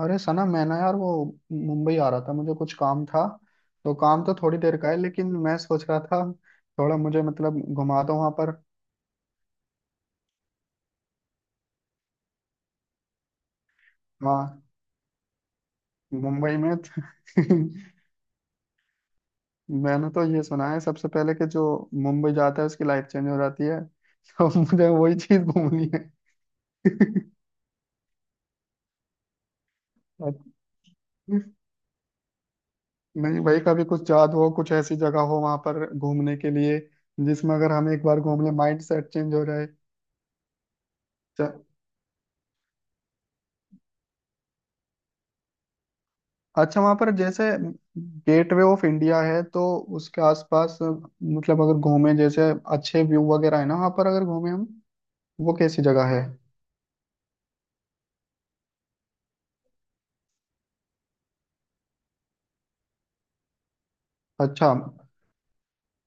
अरे सना, मैं ना यार वो मुंबई आ रहा था। मुझे कुछ काम था, तो काम तो थोड़ी देर का है, लेकिन मैं सोच रहा था थोड़ा मुझे मतलब घुमा दो वहां पर। वहाँ मुंबई में मैंने तो ये सुना है सबसे पहले कि जो मुंबई जाता है उसकी लाइफ चेंज हो जाती है तो मुझे वही चीज घूमनी है। नहीं भाई, कभी कुछ याद हो, कुछ ऐसी जगह हो वहां पर घूमने के लिए जिसमें अगर हम एक बार घूम ले माइंड सेट चेंज हो जाए। अच्छा, वहां पर जैसे गेटवे ऑफ इंडिया है तो उसके आसपास मतलब अगर घूमे, जैसे अच्छे व्यू वगैरह है ना वहां पर, अगर घूमे हम वो कैसी जगह है? अच्छा,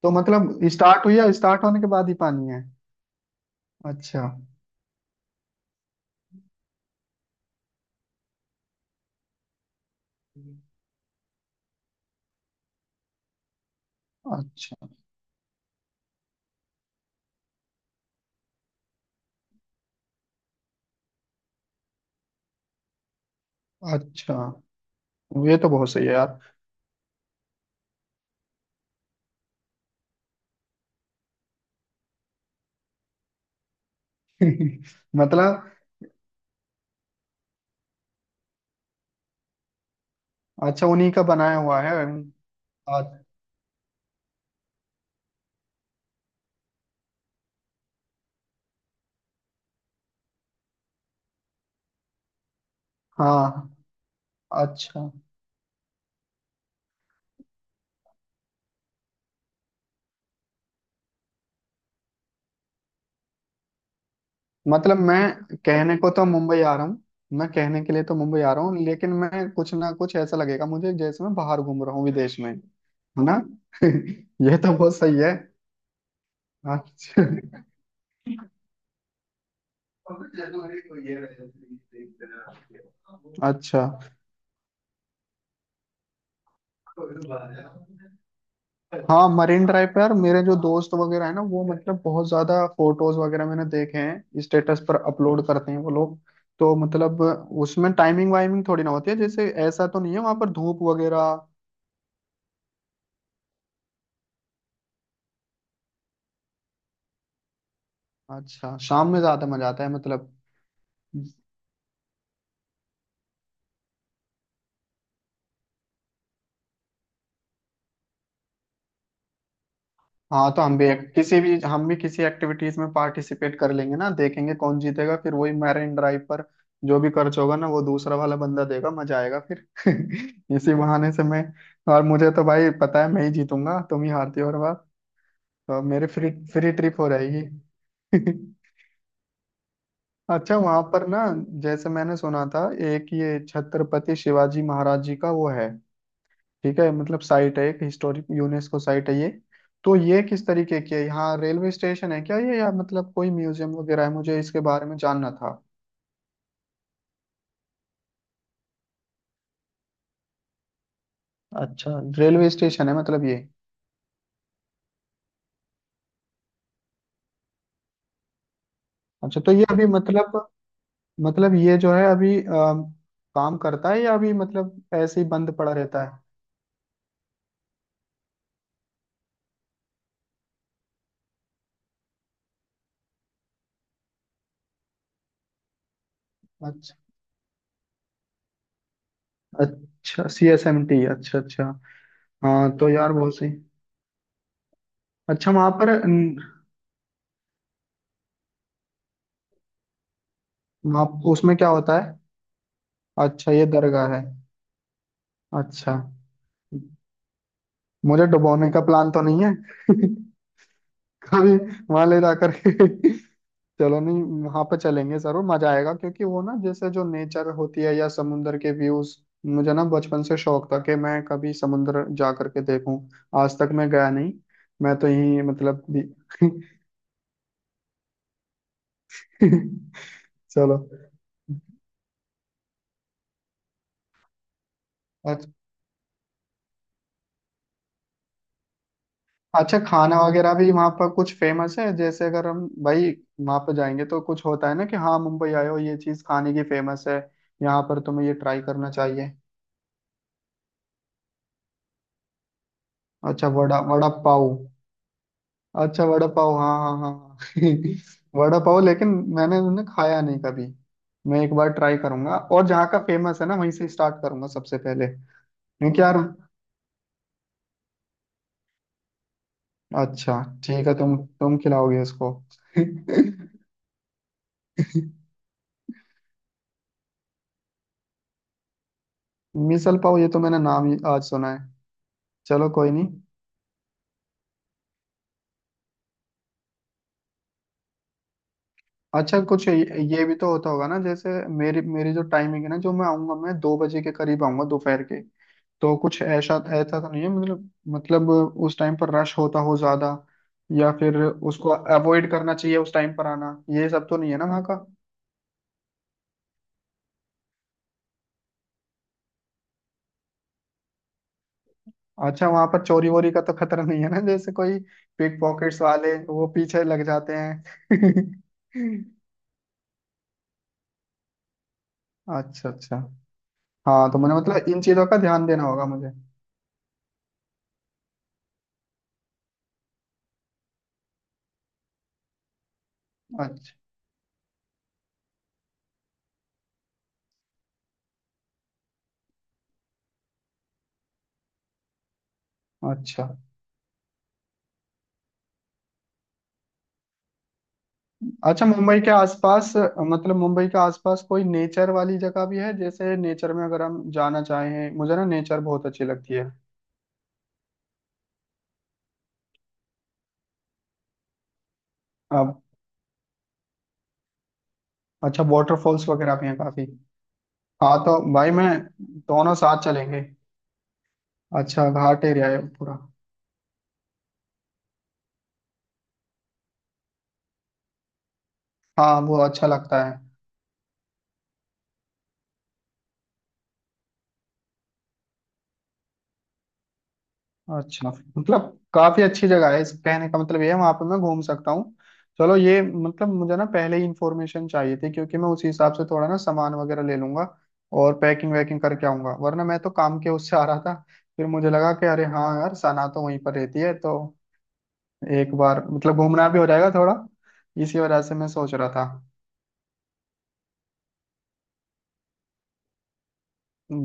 तो मतलब स्टार्ट हुई या स्टार्ट होने के बाद ही पानी है? अच्छा। अच्छा। अच्छा, ये तो बहुत सही है यार। मतलब, अच्छा उन्हीं का बनाया हुआ है? आ- हाँ। अच्छा। मतलब मैं कहने को तो मुंबई आ रहा हूँ, मैं कहने के लिए तो मुंबई आ रहा हूँ, लेकिन मैं कुछ ना कुछ ऐसा लगेगा मुझे जैसे मैं बाहर घूम रहा हूँ विदेश में, है ना। ये तो बहुत सही है। अच्छा। अच्छा। हाँ, मरीन ड्राइव पे यार मेरे जो दोस्त वगैरह है ना, वो मतलब बहुत ज्यादा फोटोज वगैरह मैंने देखे हैं, स्टेटस पर अपलोड करते हैं वो लोग। तो मतलब उसमें टाइमिंग वाइमिंग थोड़ी ना होती है जैसे, ऐसा तो नहीं है वहां पर धूप वगैरह? अच्छा, शाम में ज्यादा मजा आता है मतलब। हाँ तो हम भी एक, किसी भी, हम भी किसी एक्टिविटीज में पार्टिसिपेट कर लेंगे ना, देखेंगे कौन जीतेगा फिर, वही मैरिन ड्राइव पर। जो भी खर्च होगा ना वो दूसरा वाला बंदा देगा, मजा आएगा फिर। इसी बहाने से मैं। और मुझे तो भाई पता है मैं ही जीतूंगा, तुम ही हारती हो हर बार। तो मेरी फ्री फ्री ट्रिप हो रहेगी। अच्छा, वहां पर ना, जैसे मैंने सुना था एक ये छत्रपति शिवाजी महाराज जी का वो है, ठीक है मतलब साइट है, एक हिस्टोरिक यूनेस्को साइट है ये। तो ये किस तरीके की है, यहाँ रेलवे स्टेशन है क्या ये, या मतलब कोई म्यूजियम वगैरह है? मुझे इसके बारे में जानना था। अच्छा, रेलवे स्टेशन है मतलब ये? अच्छा, तो ये अभी मतलब, मतलब ये जो है अभी, काम करता है या अभी मतलब ऐसे ही बंद पड़ा रहता है? अच्छा। अच्छा, सी एस एम टी। अच्छा अच्छा। हाँ तो यार बहुत सही। अच्छा, वहाँ पर न, वहाँ उसमें क्या होता है? अच्छा, ये दरगाह है। अच्छा। मुझे डुबोने का प्लान तो नहीं है। कभी वहां ले जा करके। चलो, नहीं, वहां पे चलेंगे जरूर, मजा आएगा, क्योंकि वो ना जैसे जो नेचर होती है या समुंदर के व्यूज, मुझे ना बचपन से शौक था कि मैं कभी समुंदर जा करके देखूं। आज तक मैं गया नहीं। मैं तो यही मतलब चलो। अच्छा, खाना वगैरह भी वहाँ पर कुछ फेमस है जैसे, अगर हम भाई वहाँ पर जाएंगे तो कुछ होता है ना कि हाँ मुंबई आए हो, ये चीज़ खाने की फेमस है, यहाँ पर तुम्हें ये ट्राई करना चाहिए? अच्छा, वड़ा वड़ा पाव। अच्छा वड़ा पाव, हाँ हाँ हाँ हाँ। वड़ा पाव, लेकिन मैंने उन्हें खाया नहीं कभी। मैं एक बार ट्राई करूंगा, और जहाँ का फेमस है ना वहीं से स्टार्ट करूंगा सबसे पहले, क्योंकि यार। अच्छा। ठीक है, तुम खिलाओगे इसको। मिसल पाव, ये तो मैंने नाम ही आज सुना है। चलो कोई नहीं। अच्छा, कुछ ये भी तो होता होगा ना, जैसे मेरी मेरी जो टाइमिंग है ना, जो मैं आऊंगा, मैं 2 बजे के करीब आऊंगा दोपहर के। तो कुछ ऐसा ऐसा तो नहीं है मतलब, मतलब उस टाइम पर रश होता हो ज्यादा, या फिर उसको अवॉइड करना चाहिए उस टाइम पर आना, ये सब तो नहीं है ना वहाँ का? अच्छा, वहाँ पर चोरी वोरी का तो खतरा नहीं है ना, जैसे कोई पिक पॉकेट्स वाले वो पीछे लग जाते हैं। अच्छा अच्छा। हाँ, तो मैंने मतलब इन चीजों का ध्यान देना होगा मुझे। अच्छा। अच्छा। अच्छा, मुंबई के आसपास, मतलब मुंबई के आसपास कोई नेचर वाली जगह भी है, जैसे नेचर में अगर हम जाना चाहें, मुझे ना नेचर बहुत अच्छी लगती है। अब। अच्छा, वाटरफॉल्स वगैरह भी हैं काफी? हाँ तो भाई मैं, दोनों साथ चलेंगे। अच्छा, घाट एरिया है पूरा? हाँ, वो अच्छा लगता है। अच्छा, मतलब काफी अच्छी जगह है, इस कहने का मतलब ये है वहां पर मैं घूम सकता हूँ। चलो, ये मतलब मुझे ना पहले ही इंफॉर्मेशन चाहिए थी, क्योंकि मैं उसी हिसाब से थोड़ा ना सामान वगैरह ले लूंगा और पैकिंग वैकिंग करके आऊंगा, वरना मैं तो काम के उससे आ रहा था। फिर मुझे लगा कि अरे हाँ यार सना तो वहीं पर रहती है, तो एक बार मतलब घूमना भी हो जाएगा थोड़ा, इसी वजह से मैं सोच रहा था।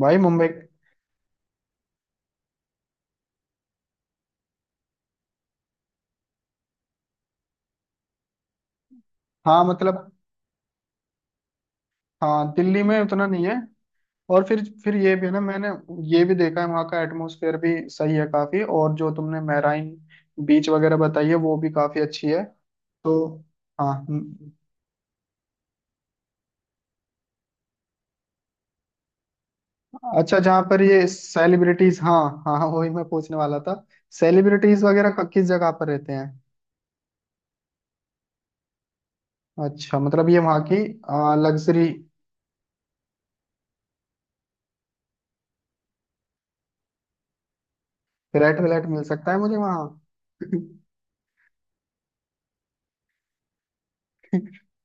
भाई मुंबई। हाँ मतलब। हाँ, दिल्ली में उतना नहीं है। और फिर ये भी है ना, मैंने ये भी देखा है वहाँ का एटमोसफेयर भी सही है काफी, और जो तुमने मैराइन बीच वगैरह बताई है वो भी काफी अच्छी है, तो। हाँ, हम्म। अच्छा, जहाँ पर ये सेलिब्रिटीज, हाँ हाँ हाँ, वही मैं पूछने वाला था। सेलिब्रिटीज वगैरह किस जगह पर रहते हैं? अच्छा, मतलब ये वहाँ की लग्जरी, फ्लैट व्लैट मिल सकता है मुझे वहाँ?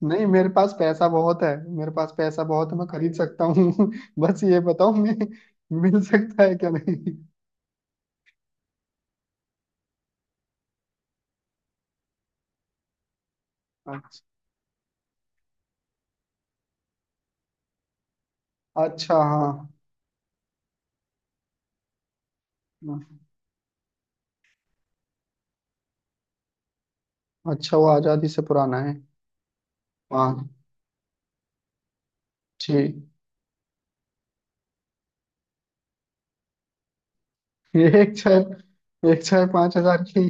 नहीं, मेरे पास पैसा बहुत है, मेरे पास पैसा बहुत है, मैं खरीद सकता हूँ। बस ये बताओ मैं, मिल सकता है क्या नहीं? अच्छा, अच्छा, हाँ। हाँ। अच्छा, वो आजादी से पुराना है? हाँ। ठीक। एक चाय, एक चाय 5 हजार की?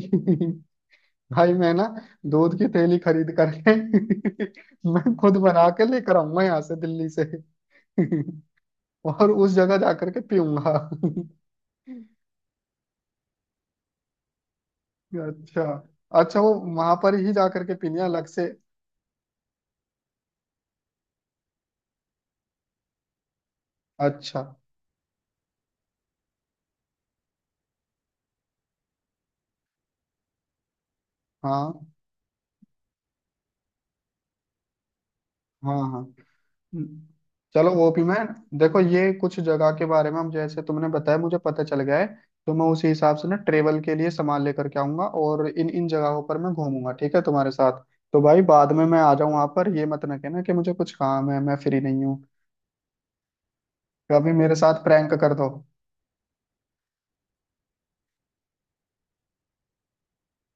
भाई मैं ना दूध की थैली खरीद करके मैं खुद बना के लेकर आऊंगा यहाँ से, दिल्ली से। और उस जगह जा करके पीऊंगा। अच्छा। अच्छा, वो वहां पर ही जा करके पीनी है अलग से? अच्छा। हाँ हाँ हाँ। चलो, वो भी मैं देखो, ये कुछ जगह के बारे में, हम, जैसे तुमने बताया मुझे पता चल गया है, तो मैं उसी हिसाब से ना ट्रेवल के लिए सामान लेकर के आऊंगा, और इन इन जगहों पर मैं घूमूंगा, ठीक है तुम्हारे साथ। तो भाई, बाद में मैं आ जाऊँ वहां पर, ये मत ना कहना कि मुझे कुछ काम है मैं फ्री नहीं हूँ, कभी मेरे साथ प्रैंक कर दो।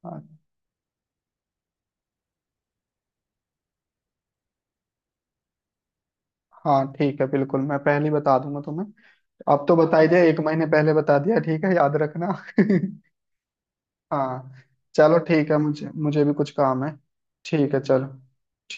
हाँ हाँ, ठीक है, बिल्कुल मैं पहले ही बता दूंगा तुम्हें। अब तो बता ही दिया, एक महीने पहले बता दिया, ठीक है, याद रखना। हाँ। चलो ठीक है, मुझे मुझे भी कुछ काम है। ठीक है, चलो। ठीक।